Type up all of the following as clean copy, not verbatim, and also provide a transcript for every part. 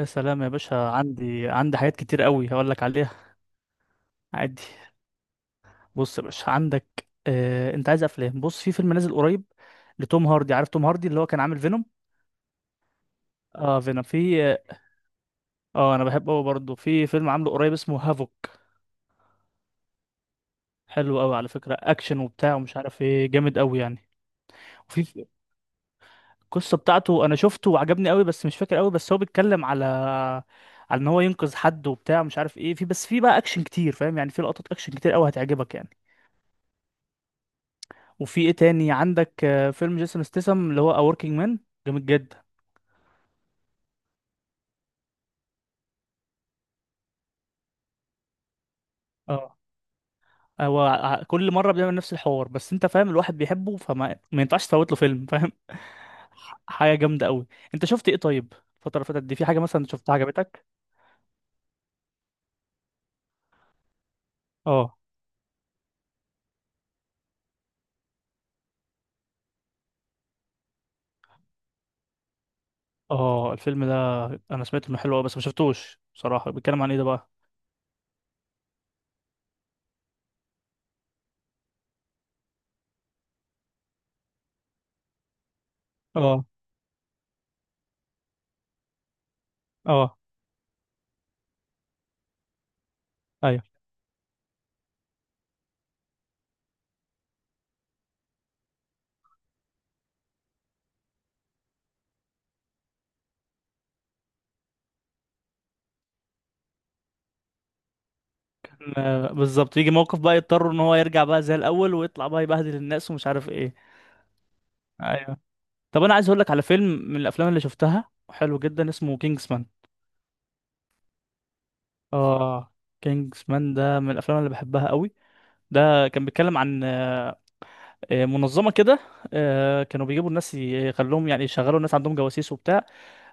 يا سلام يا باشا، عندي حاجات كتير قوي هقول لك عليها. عادي. بص يا باشا عندك. انت عايز افلام؟ بص، في فيلم نازل قريب لتوم هاردي. عارف توم هاردي اللي هو كان عامل فينوم؟ اه، فينوم. في اه انا بحبه قوي برضه. في فيلم عامله قريب اسمه هافوك. حلو قوي على فكرة، اكشن وبتاع ومش عارف ايه، جامد قوي يعني. وفي القصة بتاعته انا شفته وعجبني قوي، بس مش فاكر قوي. بس هو بيتكلم على ان هو ينقذ حد وبتاع مش عارف ايه. بس في بقى اكشن كتير، فاهم يعني، في لقطات اكشن كتير قوي هتعجبك يعني. وفي ايه تاني عندك؟ فيلم جيسون ستيسم اللي هو A Working Man. جامد جدا. اه، هو كل مرة بيعمل نفس الحوار، بس انت فاهم الواحد بيحبه، فما ما ينفعش تفوت له فيلم، فاهم. حاجة جامدة قوي. انت شفت ايه طيب؟ الفترة اللي فاتت دي في حاجة مثلا شفتها عجبتك؟ اه، اه، الفيلم ده انا سمعت انه حلو قوي بس ما شفتوش بصراحة. بيتكلم عن ايه ده بقى؟ اه، اه، ايوه. بالظبط، يجي موقف بقى يضطر ان هو يرجع بقى زي الاول ويطلع بقى يبهدل الناس ومش عارف ايه. ايوه. طب انا عايز اقول لك على فيلم من الافلام اللي شفتها حلو جدا، اسمه كينجز مان. اه، كينجز مان ده من الافلام اللي بحبها قوي. ده كان بيتكلم عن منظمه كده. كانوا بيجيبوا الناس يخلوهم يعني يشغلوا الناس عندهم جواسيس وبتاع.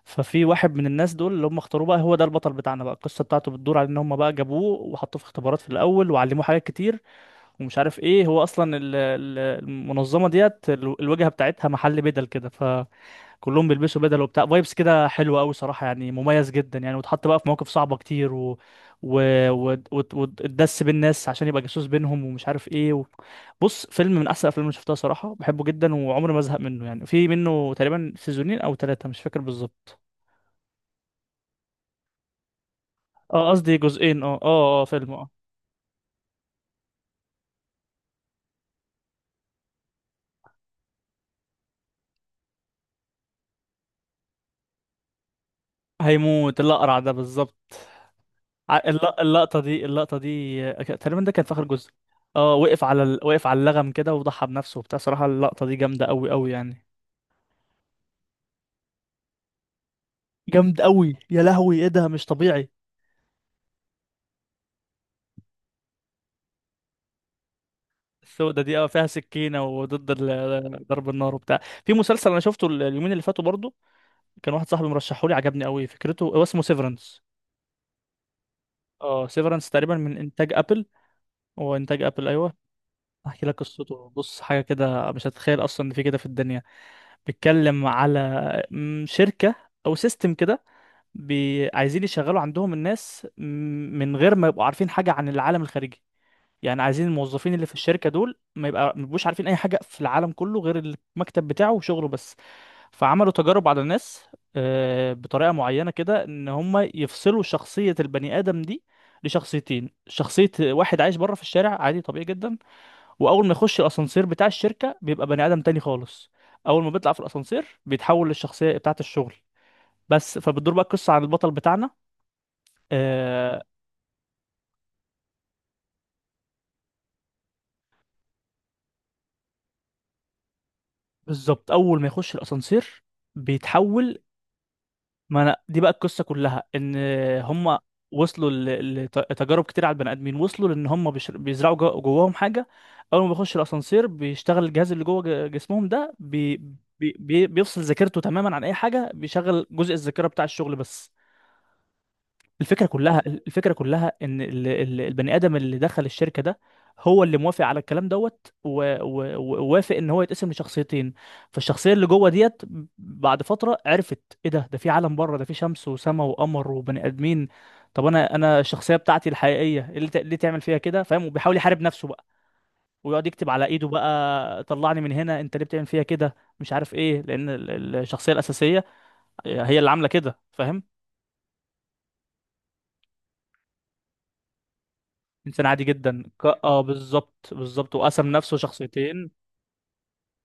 ففي واحد من الناس دول اللي هم اختاروه بقى هو ده البطل بتاعنا بقى. القصه بتاعته بتدور على ان هم بقى جابوه وحطوه في اختبارات في الاول وعلموه حاجات كتير. ومش عارف ايه، هو اصلا المنظمه ديت الواجهه بتاعتها محل بدل كده. ف كلهم بيلبسوا بدل وبتاع، فايبس كده حلوه قوي صراحه يعني، مميز جدا يعني. واتحط بقى في مواقف صعبه كتير و وتدس بين الناس عشان يبقى جاسوس بينهم ومش عارف ايه. بص، فيلم من احسن الافلام اللي شفتها صراحه، بحبه جدا وعمري ما ازهق منه يعني. في منه تقريبا سيزونين او ثلاثه، مش فاكر بالظبط. اه، قصدي جزئين. اه، اه، اه، فيلم، اه. هيموت الاقرع ده بالظبط. اللقطه دي. تقريبا ده كان في اخر جزء. اه، وقف على اللغم كده وضحى بنفسه وبتاع صراحه. اللقطه دي جامده قوي قوي يعني. جامد قوي يا لهوي، ايه ده مش طبيعي! السودة دي، اه، فيها سكينة وضد ضرب النار وبتاع. في مسلسل انا شفته اليومين اللي فاتوا برضو. كان واحد صاحبي مرشحه لي، عجبني قوي فكرته، هو اسمه سيفرنس. اه، سيفرنس تقريبا من انتاج ابل. هو انتاج ابل، ايوه. احكي لك قصته. بص، حاجة كده مش هتتخيل اصلا ان في كده في الدنيا. بيتكلم على شركة او سيستم كده. عايزين يشغلوا عندهم الناس من غير ما يبقوا عارفين حاجة عن العالم الخارجي. يعني عايزين الموظفين اللي في الشركه دول ما يبقوش عارفين اي حاجه في العالم كله غير المكتب بتاعه وشغله بس. فعملوا تجارب على الناس. بطريقه معينه كده ان هم يفصلوا شخصيه البني ادم دي لشخصيتين. شخصيه واحد عايش بره في الشارع عادي طبيعي جدا. واول ما يخش الاسانسير بتاع الشركه بيبقى بني ادم تاني خالص. اول ما بيطلع في الاسانسير بيتحول للشخصيه بتاعه الشغل بس. فبتدور بقى القصه عن البطل بتاعنا. آه بالظبط، اول ما يخش الاسانسير بيتحول. ما انا دي بقى القصه كلها، ان هم وصلوا لتجارب كتير على البني ادمين. وصلوا لان هم بيزرعوا جواهم حاجه. اول ما بيخش الاسانسير بيشتغل الجهاز اللي جوه جسمهم ده بيفصل ذاكرته تماما عن اي حاجه، بيشغل جزء الذاكره بتاع الشغل بس. الفكرة كلها ان البني ادم اللي دخل الشركة ده هو اللي موافق على الكلام دوت، ووافق ان هو يتقسم لشخصيتين. فالشخصية اللي جوه ديت بعد فترة عرفت، ايه ده؟ ده في عالم بره، ده في شمس وسماء وقمر وبني ادمين. طب انا الشخصية بتاعتي الحقيقية إيه، اللي ليه تعمل فيها كده فاهم؟ وبيحاول يحارب نفسه بقى، ويقعد يكتب على ايده بقى: طلعني من هنا، انت ليه بتعمل فيها كده مش عارف ايه، لان الشخصية الأساسية هي اللي عاملة كده فاهم. انسان عادي جدا ك... اه بالظبط بالظبط، وقسم نفسه شخصيتين.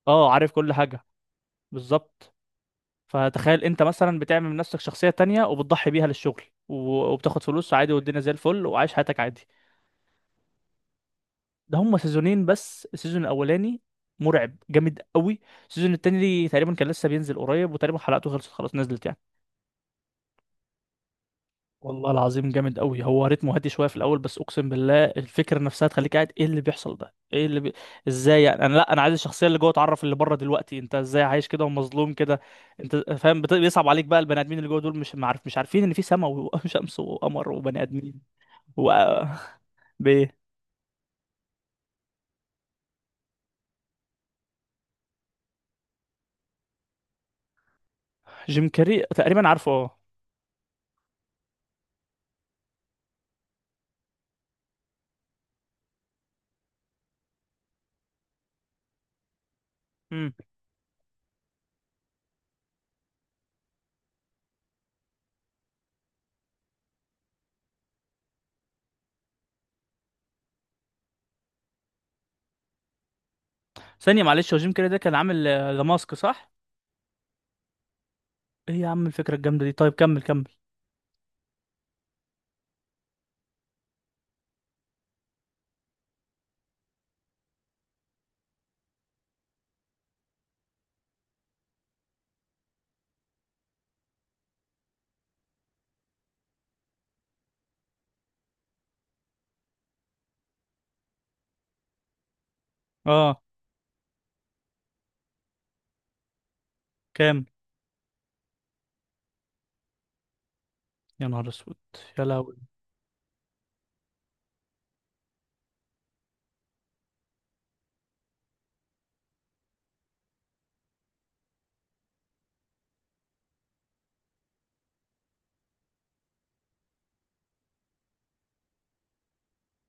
اه، عارف كل حاجه، بالظبط. فتخيل انت مثلا بتعمل من نفسك شخصيه تانية وبتضحي بيها للشغل و... وبتاخد فلوس عادي، والدنيا زي الفل وعايش حياتك عادي. ده هم سيزونين بس السيزون الاولاني مرعب جامد قوي. السيزون التاني تقريبا كان لسه بينزل قريب، وتقريبا حلقته خلصت خلاص نزلت يعني. والله العظيم جامد قوي، هو رتمه هادي شويه في الاول بس اقسم بالله الفكره نفسها تخليك قاعد ايه اللي بيحصل ده. ازاي يعني؟ انا، لا، انا عايز الشخصيه اللي جوه تعرف اللي بره دلوقتي، انت ازاي عايش كده ومظلوم كده. انت فاهم بيصعب عليك بقى. البني ادمين اللي جوه دول مش عارفين ان في سماء وشمس وقمر وبني ادمين. و ب جيم كاري تقريبا، عارفه، اه. امم. ثانيه معلش، هو جيم كاري ده كان عامل ذا ماسك، صح؟ ايه يا عم الفكره الجامده دي! طيب كمل كمل. اه. كام؟ يا نهار اسود! يا لهوي!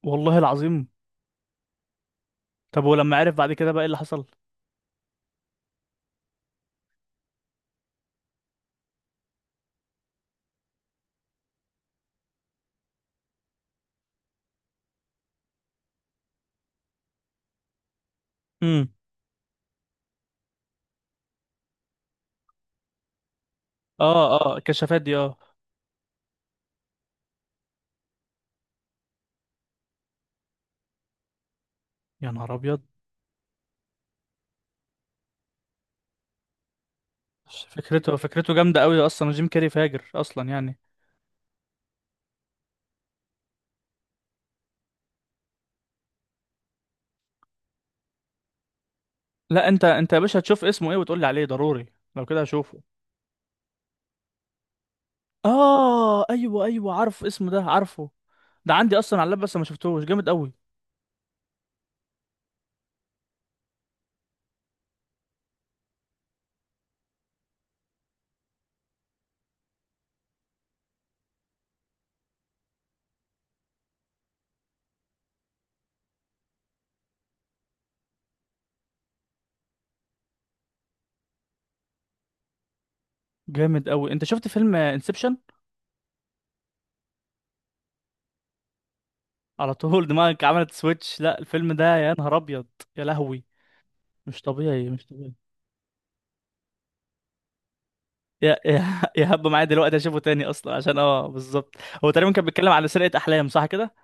والله العظيم. طب ولما عرف بعد كده بقى ايه اللي حصل؟ امم. اه، اه، الكشافات دي، اه. يا نهار ابيض! فكرته جامده قوي اصلا، جيم كاري فاجر اصلا يعني. لا، انت يا باشا هتشوف اسمه ايه وتقول لي عليه ضروري. لو كده هشوفه. اه، ايوه، ايوه، عارف اسمه ده، عارفه. ده عندي اصلا على اللاب بس ما شفتهوش، جامد قوي. جامد قوي، انت شفت فيلم انسبشن؟ على طول دماغك عملت سويتش، لا الفيلم ده يا نهار ابيض! يا لهوي! مش طبيعي، مش طبيعي. يا يا يا هب معايا دلوقتي اشوفه تاني اصلا عشان بالظبط. هو تقريبا كان بيتكلم على سرقة احلام، صح كده؟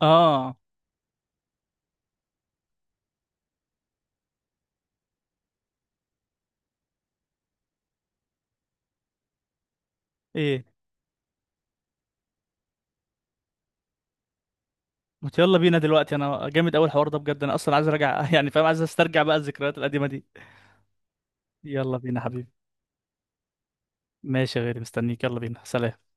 اه. ايه؟ ما يلا بينا دلوقتي، انا جامد اول حوار ده بجد، انا اصلا عايز ارجع يعني فاهم، عايز استرجع بقى الذكريات القديمة دي. يلا بينا حبيبي. ماشي يا غالي، مستنيك، يلا بينا، سلام.